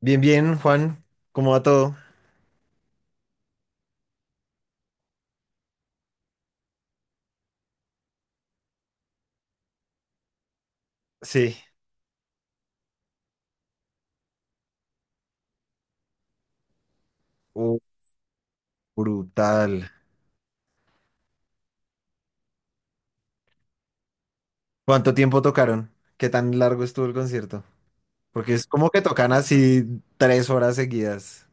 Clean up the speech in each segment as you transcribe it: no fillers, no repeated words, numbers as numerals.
Bien, bien, Juan. ¿Cómo va todo? Sí. Uh, brutal. ¿Cuánto tiempo tocaron? ¿Qué tan largo estuvo el concierto? Porque es como que tocan así 3 horas seguidas.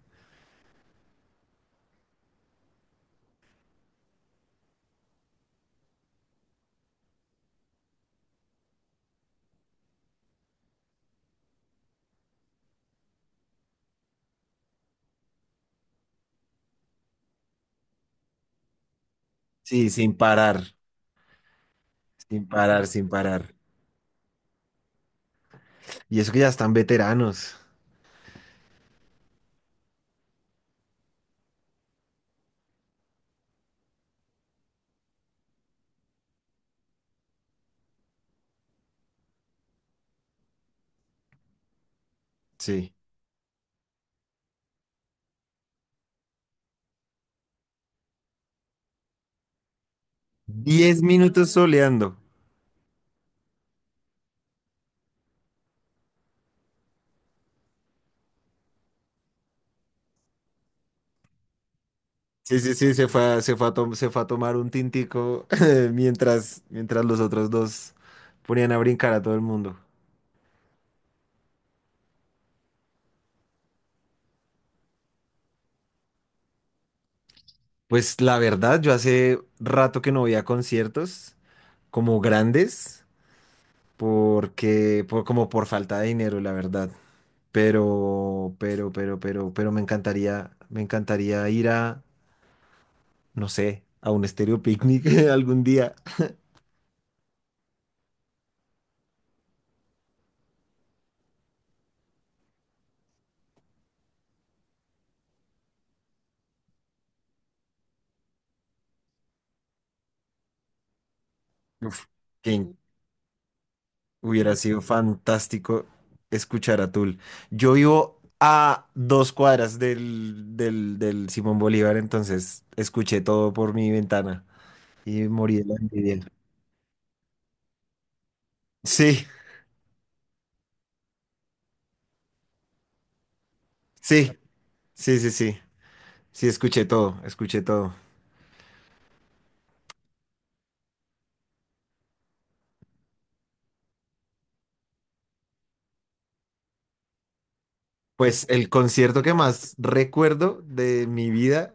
Sí, sin parar. Sin parar, sin parar. Y eso que ya están veteranos. Sí. 10 minutos soleando. Sí, sí, sí, se fue a tomar un tintico mientras los otros dos ponían a brincar a todo el mundo. Pues la verdad, yo hace rato que no voy a conciertos como grandes, porque, como por falta de dinero, la verdad. Pero me encantaría ir no sé, a un estéreo picnic algún día. Uf, que hubiera sido fantástico escuchar a Tool. Yo vivo a 2 cuadras del Simón Bolívar, entonces escuché todo por mi ventana y morí de la envidia. Sí, sí, sí, sí, sí. Sí, escuché todo, escuché todo. Pues el concierto que más recuerdo de mi vida,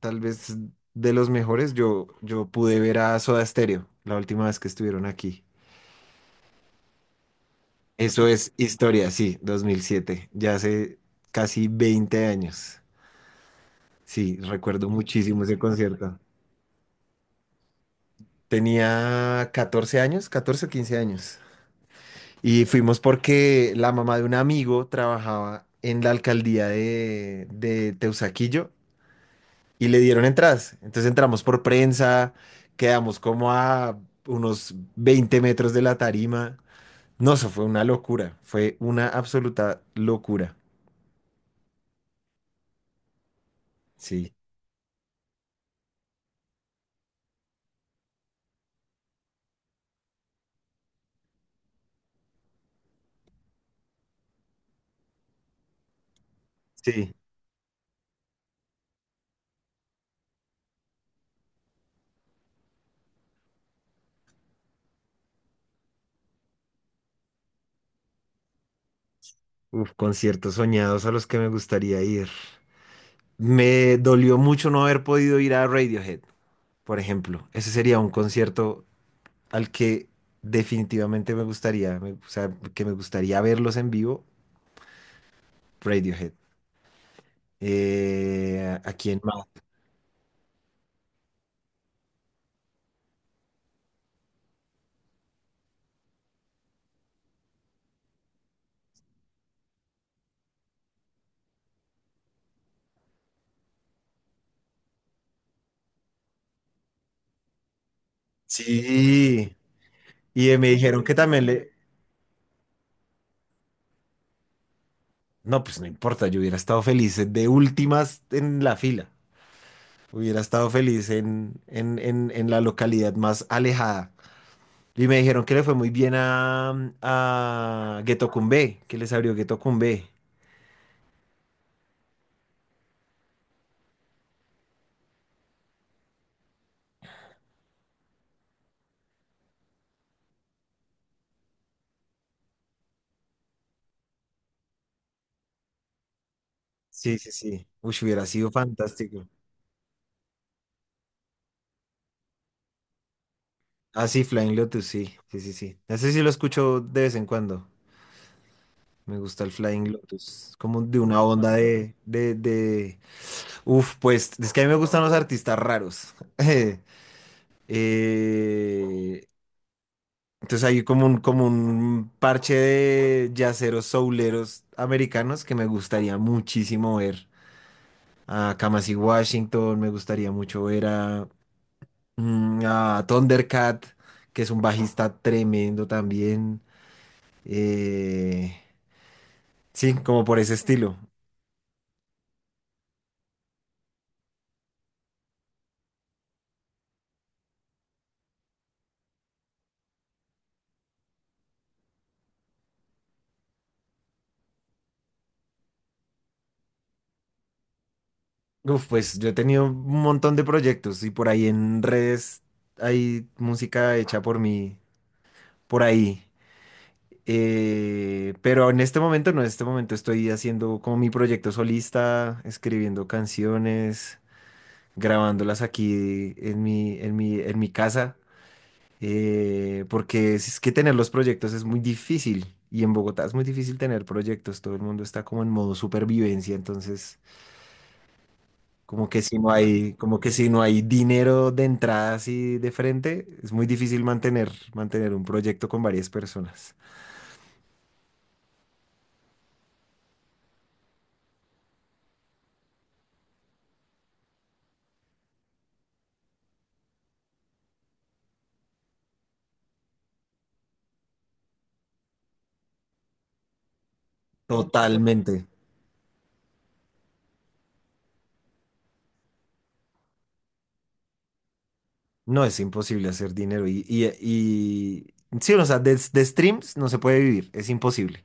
tal vez de los mejores, yo pude ver a Soda Stereo la última vez que estuvieron aquí. Eso es historia, sí, 2007, ya hace casi 20 años. Sí, recuerdo muchísimo ese concierto. Tenía 14 años, 14 o 15 años. Y fuimos porque la mamá de un amigo trabajaba en la alcaldía de Teusaquillo y le dieron entradas. Entonces entramos por prensa, quedamos como a unos 20 metros de la tarima. No, eso fue una locura, fue una absoluta locura. Sí, sí. Uf, conciertos soñados a los que me gustaría ir. Me dolió mucho no haber podido ir a Radiohead, por ejemplo. Ese sería un concierto al que definitivamente o sea, que me gustaría verlos en vivo, Radiohead. ¿A quién más? Sí, y me dijeron que también le. No, pues no importa, yo hubiera estado feliz de últimas en la fila. Hubiera estado feliz en la localidad más alejada. Y me dijeron que le fue muy bien a Getocumbé, que les abrió Getocumbé. Sí, sí, sí. Uy, hubiera sido fantástico. Ah, sí, Flying Lotus, sí, sí, sí, sí. Ese sí lo escucho de vez en cuando. Me gusta el Flying Lotus, como de una onda de. Uf, pues es que a mí me gustan los artistas raros. Eh, entonces hay como un parche de yaceros souleros americanos que me gustaría muchísimo ver. A Kamasi Washington, me gustaría mucho ver a Thundercat, que es un bajista tremendo también. Eh, sí, como por ese estilo. Uf, pues yo he tenido un montón de proyectos y por ahí en redes hay música hecha por mí, por ahí. Pero en este momento no, en este momento estoy haciendo como mi proyecto solista, escribiendo canciones, grabándolas aquí en mi casa, porque es que tener los proyectos es muy difícil y en Bogotá es muy difícil tener proyectos, todo el mundo está como en modo supervivencia, entonces como que si no hay dinero de entrada así de frente, es muy difícil mantener, mantener un proyecto con varias personas. Totalmente. No, es imposible hacer dinero. Sí, o sea, de streams no se puede vivir, es imposible.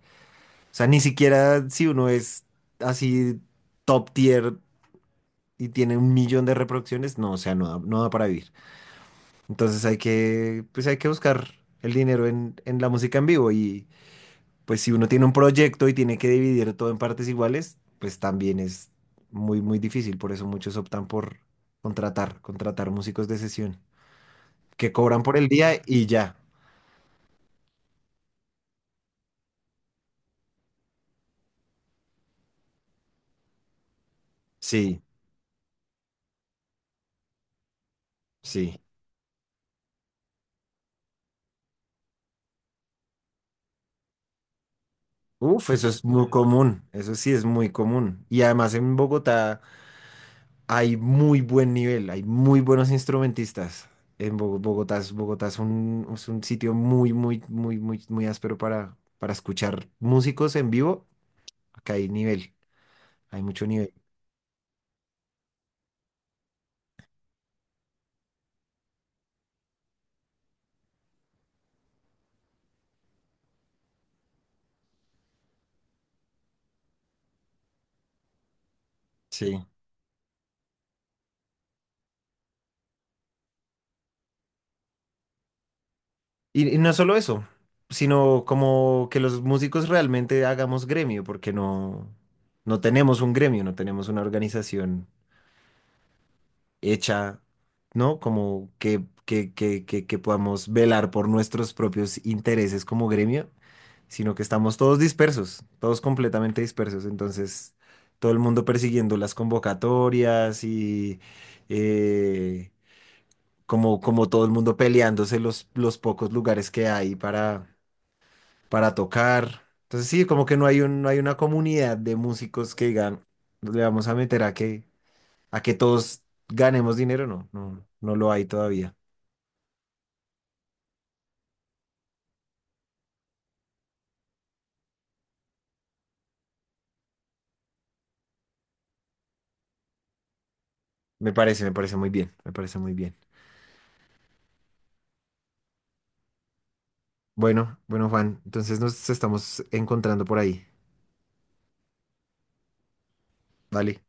O sea, ni siquiera si uno es así top tier y tiene un millón de reproducciones, no, o sea, no da, no da para vivir. Entonces pues hay que buscar el dinero en la música en vivo. Y pues si uno tiene un proyecto y tiene que dividir todo en partes iguales, pues también es muy, muy difícil. Por eso muchos optan por contratar, contratar músicos de sesión que cobran por el día y ya. Sí, sí. Uf, eso es muy común, eso sí es muy común. Y además en Bogotá hay muy buen nivel, hay muy buenos instrumentistas. En Bo- Bogotá es un sitio muy, muy, muy, muy, muy áspero para escuchar músicos en vivo. Acá hay nivel, hay mucho nivel. Sí. Y no solo eso, sino como que los músicos realmente hagamos gremio, porque no tenemos un gremio, no tenemos una organización hecha, ¿no? Como que podamos velar por nuestros propios intereses como gremio, sino que estamos todos dispersos, todos completamente dispersos. Entonces, todo el mundo persiguiendo las convocatorias y eh, como todo el mundo peleándose los pocos lugares que hay para tocar. Entonces, sí, como que no hay un, no hay una comunidad de músicos que digan, le vamos a meter a qué a que todos ganemos dinero, no, no, no lo hay todavía. Me parece muy bien, me parece muy bien. Bueno, bueno, Juan, entonces nos estamos encontrando por ahí. Vale.